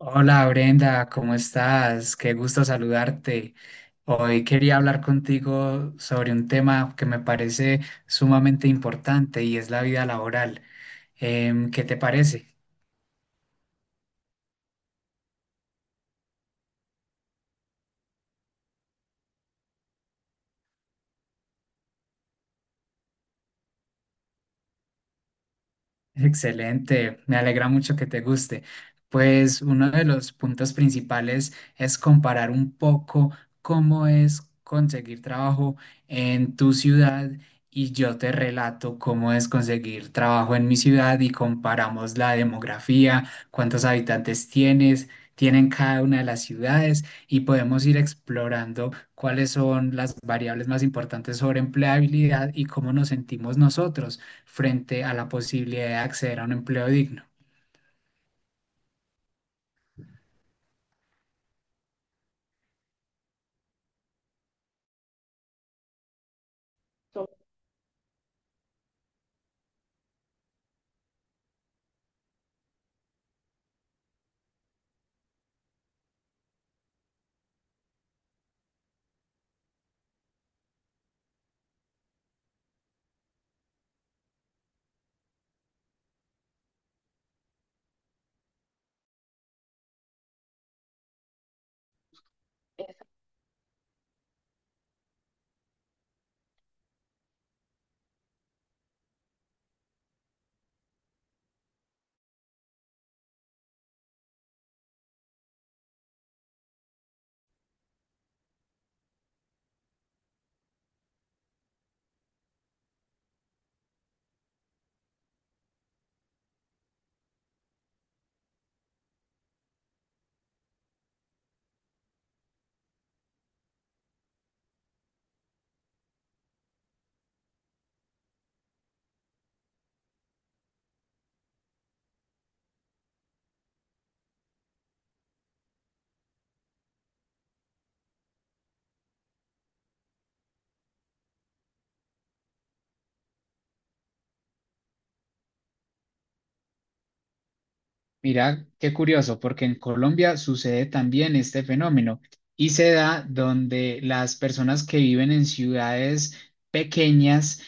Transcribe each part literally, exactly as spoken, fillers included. Hola Brenda, ¿cómo estás? Qué gusto saludarte. Hoy quería hablar contigo sobre un tema que me parece sumamente importante y es la vida laboral. Em, ¿qué te parece? Excelente, me alegra mucho que te guste. Pues uno de los puntos principales es comparar un poco cómo es conseguir trabajo en tu ciudad y yo te relato cómo es conseguir trabajo en mi ciudad y comparamos la demografía, cuántos habitantes tienes, tienen cada una de las ciudades y podemos ir explorando cuáles son las variables más importantes sobre empleabilidad y cómo nos sentimos nosotros frente a la posibilidad de acceder a un empleo digno. Mira, qué curioso, porque en Colombia sucede también este fenómeno y se da donde las personas que viven en ciudades pequeñas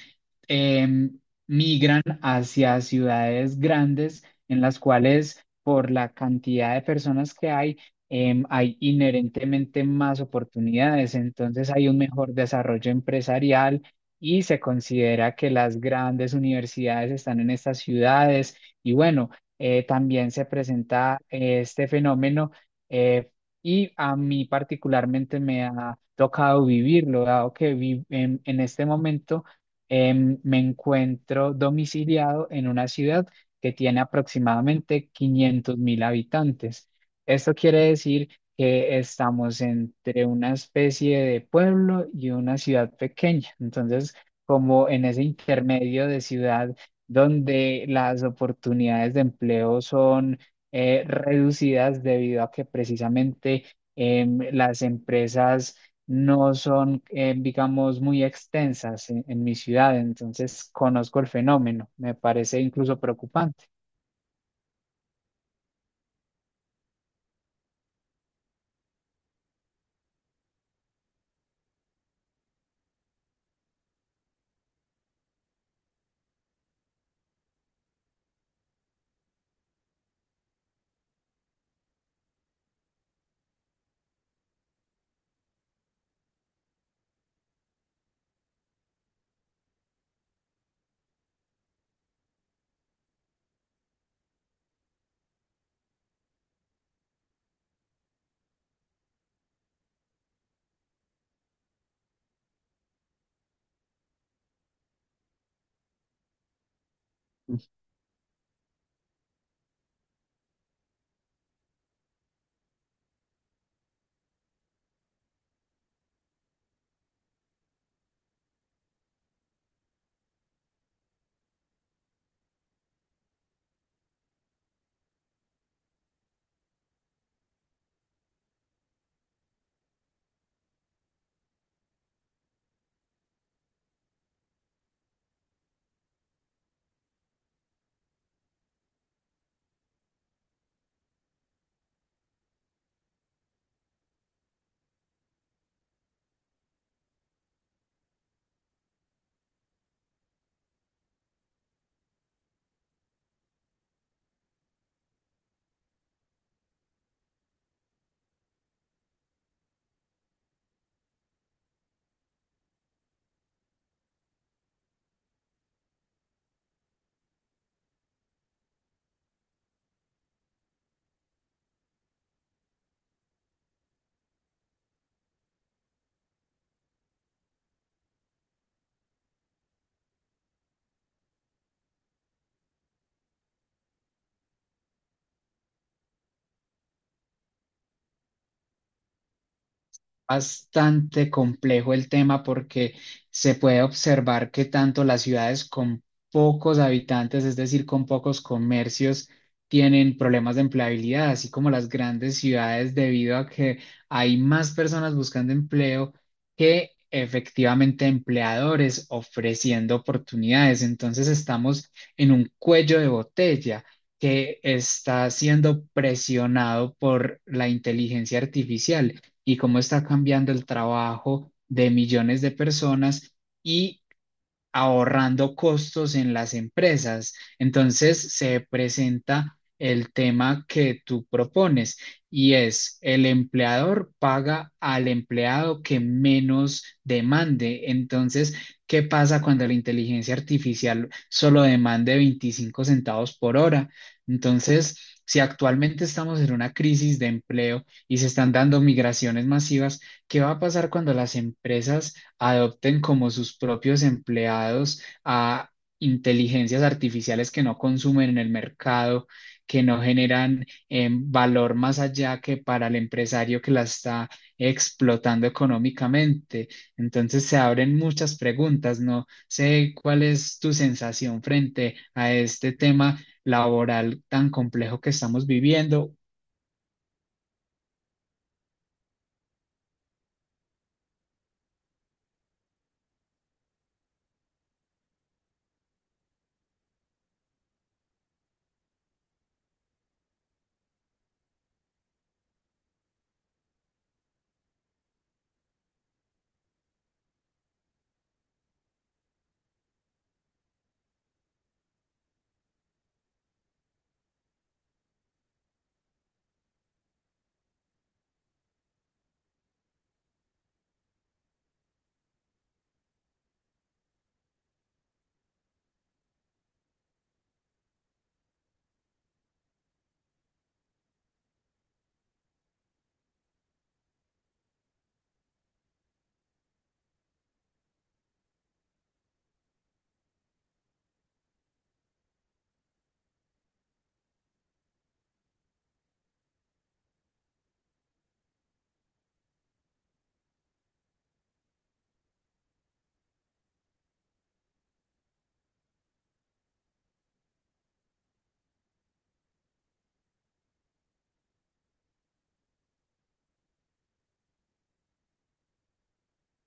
em, migran hacia ciudades grandes en las cuales por la cantidad de personas que hay, em, hay inherentemente más oportunidades, entonces hay un mejor desarrollo empresarial y se considera que las grandes universidades están en estas ciudades y bueno eh, también se presenta eh, este fenómeno eh, y a mí particularmente me ha tocado vivirlo, dado que vi- en, en este momento em, me encuentro domiciliado en una ciudad que tiene aproximadamente quinientos mil habitantes. Esto quiere decir que estamos entre una especie de pueblo y una ciudad pequeña. Entonces, como en ese intermedio de ciudad donde las oportunidades de empleo son eh, reducidas debido a que precisamente em, las empresas no son, eh, digamos, muy extensas en en mi ciudad. Entonces, conozco el fenómeno. Me parece incluso preocupante. Bastante complejo el tema porque se puede observar que tanto las ciudades con pocos habitantes, es decir, con pocos comercios, tienen problemas de empleabilidad, así como las grandes ciudades debido a que hay más personas buscando empleo que efectivamente empleadores ofreciendo oportunidades. Entonces estamos en un cuello de botella que está siendo presionado por la inteligencia artificial y cómo está cambiando el trabajo de millones de personas y ahorrando costos en las empresas. Entonces se presenta el tema que tú propones y es el empleador paga al empleado que menos demande. Entonces, ¿qué pasa cuando la inteligencia artificial solo demande veinticinco centavos por hora? Entonces, si actualmente estamos en una crisis de empleo y se están dando migraciones masivas, ¿qué va a pasar cuando las empresas adopten como sus propios empleados a inteligencias artificiales que no consumen en el mercado, que no generan em, valor más allá que para el empresario que la está explotando económicamente? Entonces se abren muchas preguntas. No sé cuál es tu sensación frente a este tema laboral tan complejo que estamos viviendo.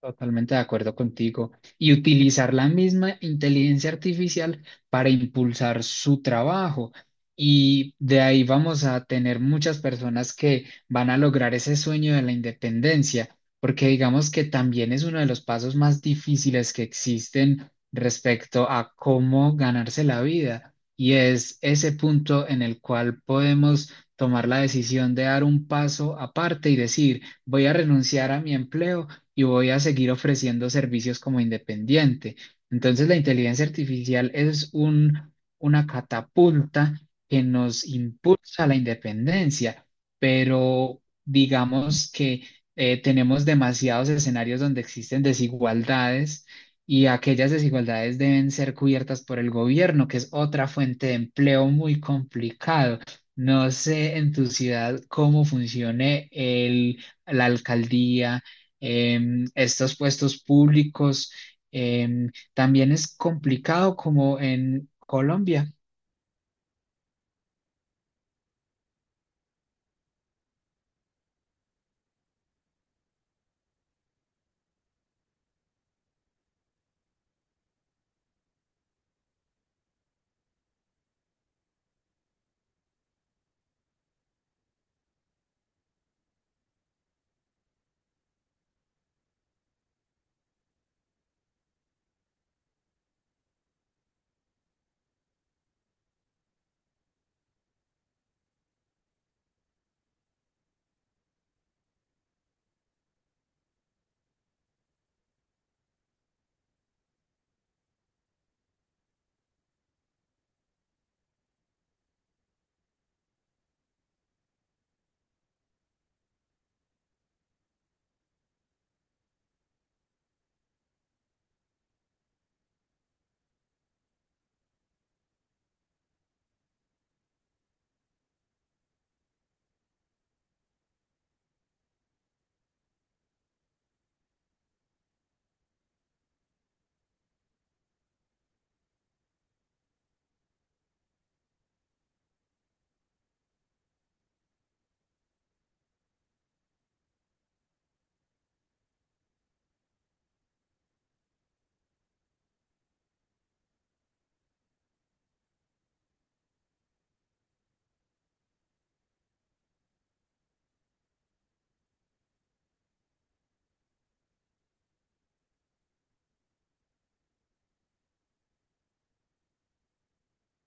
Totalmente de acuerdo contigo. Y utilizar la misma inteligencia artificial para impulsar su trabajo. Y de ahí vamos a tener muchas personas que van a lograr ese sueño de la independencia, porque digamos que también es uno de los pasos más difíciles que existen respecto a cómo ganarse la vida. Y es ese punto en el cual podemos tomar la decisión de dar un paso aparte y decir, voy a renunciar a mi empleo y voy a seguir ofreciendo servicios como independiente. Entonces, la inteligencia artificial es un, una catapulta que nos impulsa a la independencia, pero digamos que eh, tenemos demasiados escenarios donde existen desigualdades y aquellas desigualdades deben ser cubiertas por el gobierno, que es otra fuente de empleo muy complicado. No sé en tu ciudad cómo funcione el, la alcaldía em, estos puestos públicos. Em, también es complicado como en Colombia.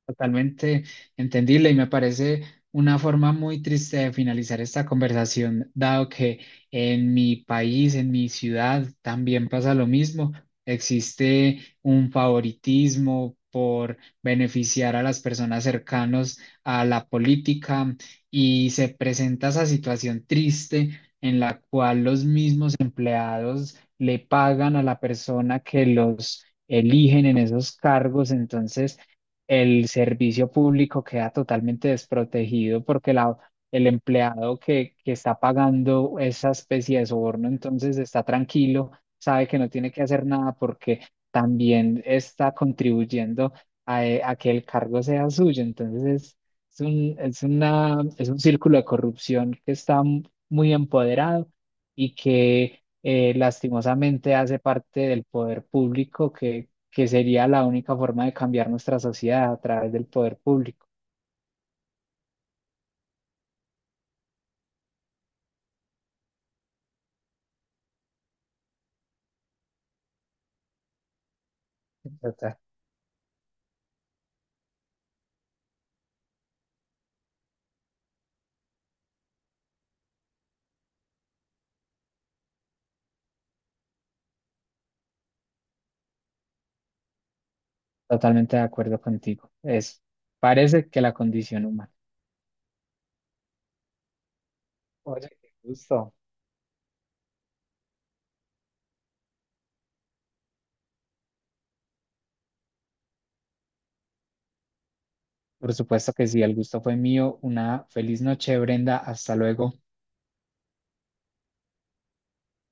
Totalmente entendible y me parece una forma muy triste de finalizar esta conversación, dado que en mi país, en mi ciudad, también pasa lo mismo. Existe un favoritismo por beneficiar a las personas cercanas a la política y se presenta esa situación triste en la cual los mismos empleados le pagan a la persona que los eligen en esos cargos. Entonces, el servicio público queda totalmente desprotegido porque la, el empleado que, que está pagando esa especie de soborno entonces está tranquilo, sabe que no tiene que hacer nada porque también está contribuyendo a, e- a que el cargo sea suyo. Entonces es, es un, es una, es un círculo de corrupción que está m- muy empoderado y que... eh, lastimosamente hace parte del poder público que sería la única forma de cambiar nuestra sociedad a través del poder público. Total. Totalmente de acuerdo contigo. Es, parece que la condición humana. Oye, qué gusto. Por supuesto que sí, el gusto fue mío. Una feliz noche, Brenda. Hasta luego.